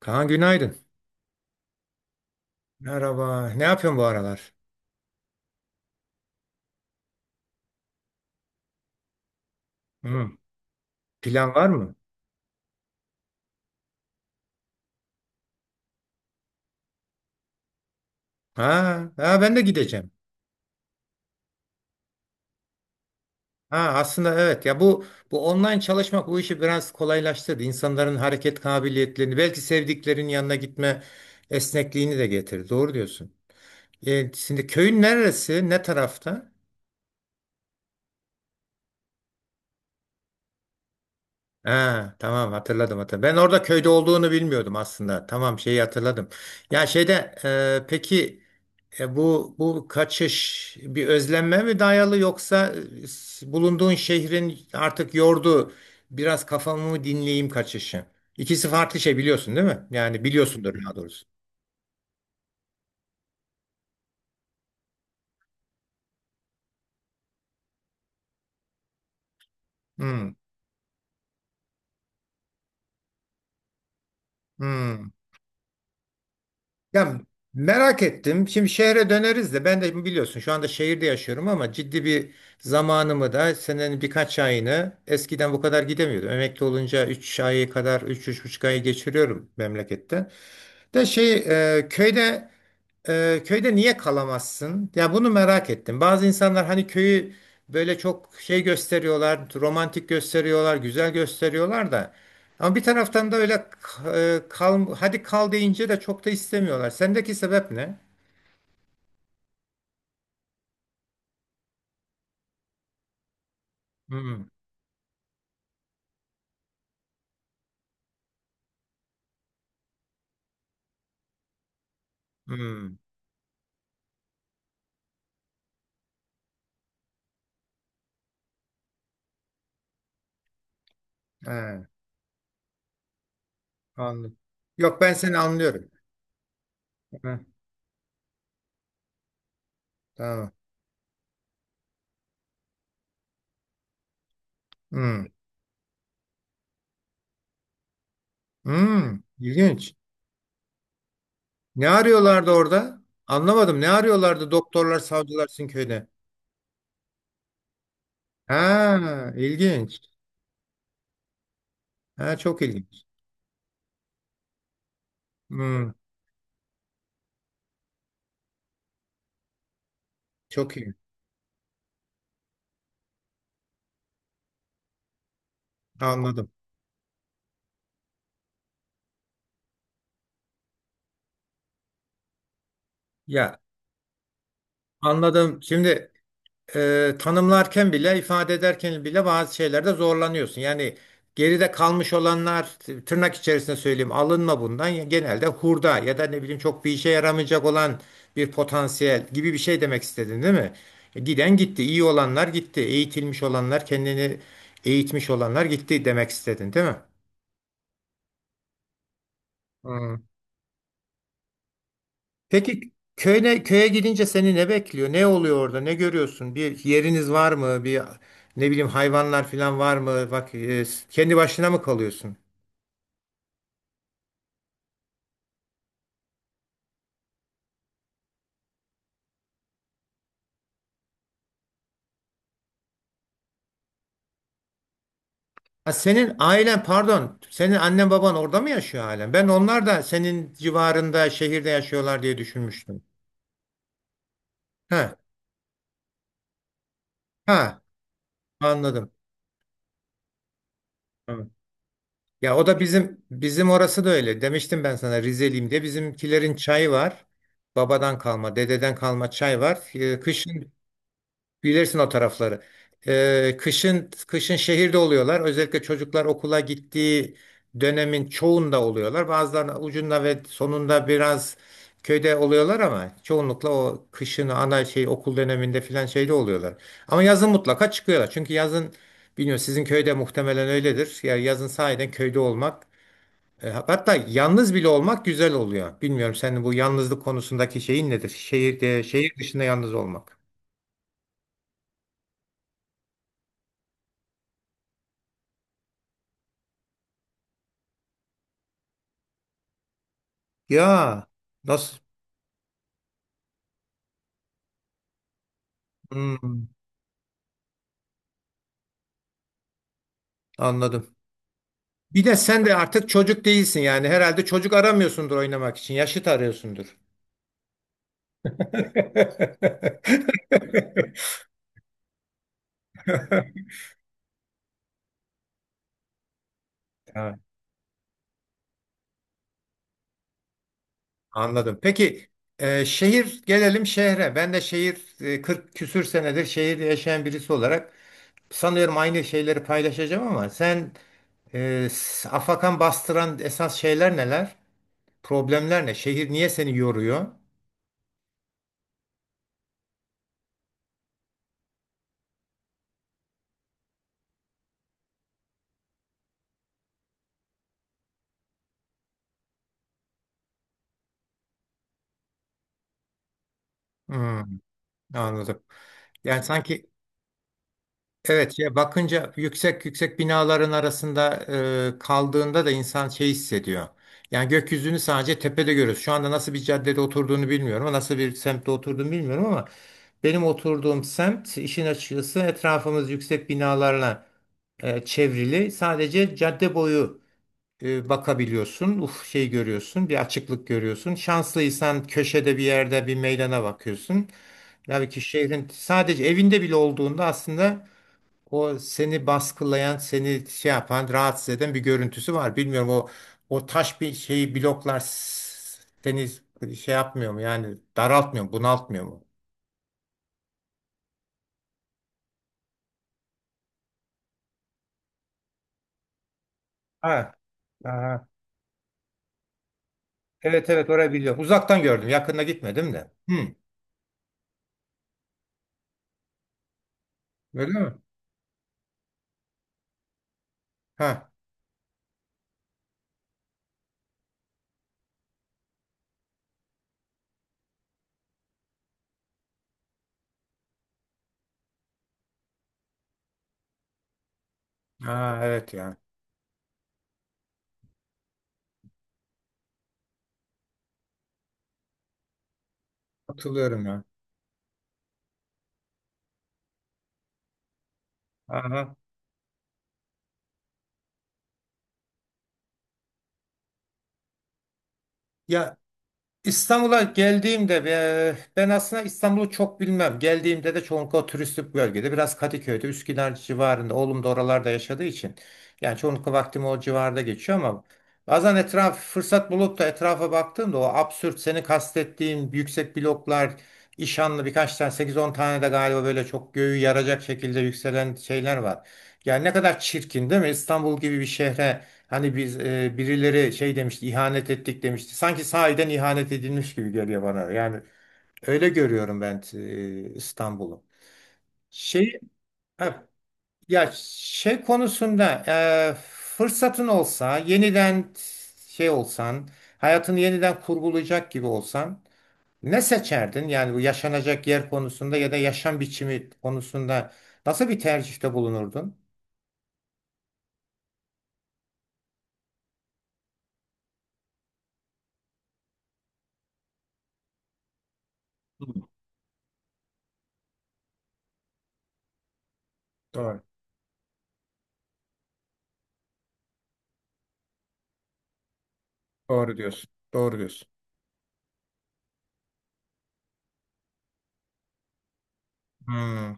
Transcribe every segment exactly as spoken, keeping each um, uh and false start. Kaan günaydın. Merhaba. Ne yapıyorsun bu aralar? Hı. Plan var mı? Ha, ha ben de gideceğim. Ha aslında evet ya bu bu online çalışmak bu işi biraz kolaylaştırdı. İnsanların hareket kabiliyetlerini, belki sevdiklerinin yanına gitme esnekliğini de getirdi. Doğru diyorsun. E, şimdi köyün neresi? Ne tarafta? Ha, tamam hatırladım hatırladım. Ben orada köyde olduğunu bilmiyordum aslında. Tamam şeyi hatırladım. Ya şeyde e, peki, E bu bu kaçış bir özlenme mi dayalı yoksa e, bulunduğun şehrin artık yordu, biraz kafamı mı dinleyeyim kaçışı. İkisi farklı şey biliyorsun değil mi? Yani biliyorsundur daha doğrusu. Hmm, hmm. Ya merak ettim. Şimdi şehre döneriz de ben de biliyorsun şu anda şehirde yaşıyorum ama ciddi bir zamanımı da senenin birkaç ayını eskiden bu kadar gidemiyordum. Emekli olunca üç ayı kadar üç üç buçuk ayı geçiriyorum memlekette. De şey e, köyde, Ee, köyde niye kalamazsın? Ya bunu merak ettim. Bazı insanlar hani köyü böyle çok şey gösteriyorlar, romantik gösteriyorlar, güzel gösteriyorlar da. Ama bir taraftan da öyle e, kal, hadi kal deyince de çok da istemiyorlar. Sendeki sebep ne? Hmm, hmm, he, anladım. Yok ben seni anlıyorum. Heh, tamam. Hmm, hmm, ilginç. Ne arıyorlardı orada? Anlamadım. Ne arıyorlardı doktorlar, savcılar sizin köyde? Ha, ilginç. Ha, çok ilginç. Hmm, çok iyi. Anladım. Ya anladım. Şimdi e, tanımlarken bile ifade ederken bile bazı şeylerde zorlanıyorsun. Yani geride kalmış olanlar, t- tırnak içerisinde söyleyeyim, alınma bundan. Ya- Genelde hurda ya da ne bileyim çok bir işe yaramayacak olan bir potansiyel gibi bir şey demek istedin değil mi? E, Giden gitti. İyi olanlar gitti. Eğitilmiş olanlar, kendini eğitmiş olanlar gitti demek istedin değil mi? Peki köyüne köye gidince seni ne bekliyor? Ne oluyor orada? Ne görüyorsun? Bir yeriniz var mı? Bir ne bileyim hayvanlar falan var mı? Bak e, kendi başına mı kalıyorsun? Ha, senin ailen pardon, senin annen baban orada mı yaşıyor halen? Ben onlar da senin civarında şehirde yaşıyorlar diye düşünmüştüm. Ha, ha anladım. Tamam. Ya o da bizim bizim orası da öyle. Demiştim ben sana Rizeliyim diye. Bizimkilerin çayı var. Babadan kalma, dededen kalma çay var. E, kışın bilirsin o tarafları. Ee, kışın kışın şehirde oluyorlar. Özellikle çocuklar okula gittiği dönemin çoğunda oluyorlar. Bazılarının ucunda ve sonunda biraz köyde oluyorlar ama çoğunlukla o kışın ana şey okul döneminde filan şeyde oluyorlar. Ama yazın mutlaka çıkıyorlar. Çünkü yazın bilmiyorum sizin köyde muhtemelen öyledir. Ya yazın sahiden köyde olmak, e, hatta yalnız bile olmak güzel oluyor. Bilmiyorum senin bu yalnızlık konusundaki şeyin nedir? Şehirde, şehir dışında yalnız olmak. Ya nasıl? Hmm, anladım. Bir de sen de artık çocuk değilsin yani herhalde çocuk aramıyorsundur, oynamak için yaşıt arıyorsundur. Evet. Anladım. Peki e, şehir gelelim şehre. Ben de şehir e, kırk küsür senedir şehirde yaşayan birisi olarak sanıyorum aynı şeyleri paylaşacağım ama sen e, s- afakan bastıran esas şeyler neler? Problemler ne? Şehir niye seni yoruyor? Hmm, anladım. Yani sanki evet ya bakınca yüksek yüksek binaların arasında e, kaldığında da insan şey hissediyor. Yani gökyüzünü sadece tepede görüyoruz. Şu anda nasıl bir caddede oturduğunu bilmiyorum, nasıl bir semtte oturduğunu bilmiyorum ama benim oturduğum semt işin açıkçası etrafımız yüksek binalarla e, çevrili. Sadece cadde boyu e, bakabiliyorsun. Uf şey görüyorsun, bir açıklık görüyorsun. Şanslıysan köşede bir yerde bir meydana bakıyorsun. Tabii ki şehrin sadece evinde bile olduğunda aslında o seni baskılayan, seni şey yapan, rahatsız eden bir görüntüsü var. Bilmiyorum o o taş bir şeyi bloklar s- seni şey yapmıyor mu? Yani daraltmıyor mu, bunaltmıyor mu? Ha, aha. Evet evet orayı biliyorum. Uzaktan gördüm, yakında gitmedim de. Hı. Öyle mi? Ha. Ha evet ya. Hatırlıyorum ya. Aha. Ya İstanbul'a geldiğimde ve- ben aslında İstanbul'u çok bilmem. Geldiğimde de çoğunlukla o turistik bölgede, biraz Kadıköy'de, Üsküdar civarında. Oğlum da oralarda yaşadığı için. Yani çoğunlukla vaktim o civarda geçiyor ama bazen etraf fırsat bulup da etrafa baktığımda o absürt, seni kastettiğin yüksek bloklar, işanlı birkaç tane sekiz on tane de galiba böyle çok göğü yaracak şekilde yükselen şeyler var. Yani ne kadar çirkin değil mi? İstanbul gibi bir şehre. Hani biz e, birileri şey demişti, ihanet ettik demişti. Sanki sahiden ihanet edilmiş gibi geliyor bana. Yani öyle görüyorum ben e, İstanbul'u. Şey ha, ya şey konusunda e, fırsatın olsa, yeniden şey olsan, hayatını yeniden kurgulayacak gibi olsan ne seçerdin? Yani bu yaşanacak yer konusunda ya da yaşam biçimi konusunda nasıl bir tercihte bulunurdun? Doğru. Doğru diyorsun. Doğru diyorsun. Hmm,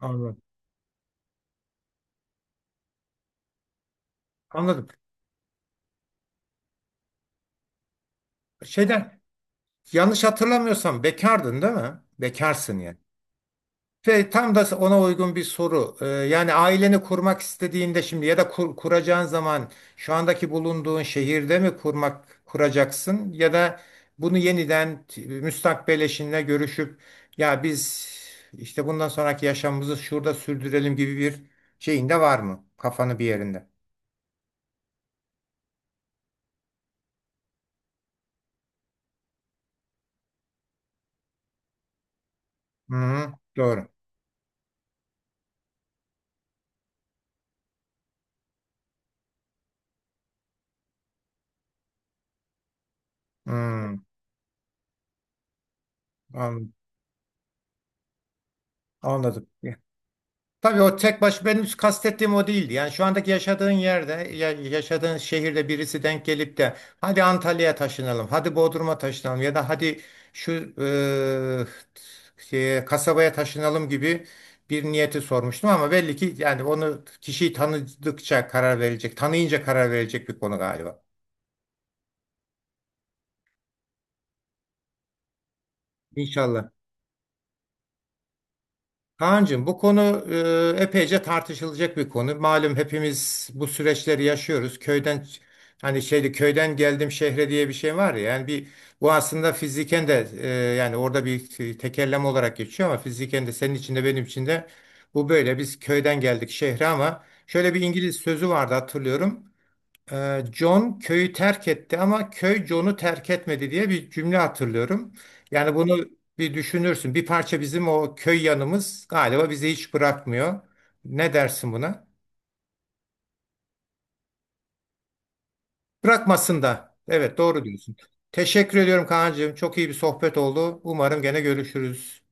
anladım. Anladım. Şeyden yanlış hatırlamıyorsam bekardın değil mi? Bekarsın yani. Ve tam da ona uygun bir soru. Ee, yani aileni kurmak istediğinde şimdi ya da kur- kuracağın zaman şu andaki bulunduğun şehirde mi kurmak kuracaksın ya da bunu yeniden t- müstakbel eşinle görüşüp ya biz işte bundan sonraki yaşamımızı şurada sürdürelim gibi bir şeyin de var mı? Kafanı bir yerinde. Hı hı, doğru. Hı, an- anladım. Tabii o tek baş benim kastettiğim o değildi. Yani şu andaki yaşadığın yerde, ya- yaşadığın şehirde birisi denk gelip de hadi Antalya'ya taşınalım, hadi Bodrum'a taşınalım ya da hadi şu eee, şeye, kasabaya taşınalım gibi bir niyeti sormuştum ama belli ki yani onu kişiyi tanıdıkça karar verecek, tanıyınca karar verecek bir konu galiba. İnşallah. Kaan'cığım bu konu e, epeyce tartışılacak bir konu. Malum hepimiz bu süreçleri yaşıyoruz. Köyden hani şeyde köyden geldim şehre diye bir şey var ya. Yani bir bu aslında fiziken de e, yani orada bir tekerleme olarak geçiyor ama fiziken de senin için de benim için de bu böyle. Biz köyden geldik şehre ama şöyle bir İngiliz sözü vardı hatırlıyorum. Ee, John köyü terk etti ama köy John'u terk etmedi diye bir cümle hatırlıyorum. Yani bunu bir düşünürsün. Bir parça bizim o köy yanımız galiba bizi hiç bırakmıyor. Ne dersin buna? Bırakmasın da. Evet doğru diyorsun. Teşekkür ediyorum Kaan'cığım. Çok iyi bir sohbet oldu. Umarım gene görüşürüz.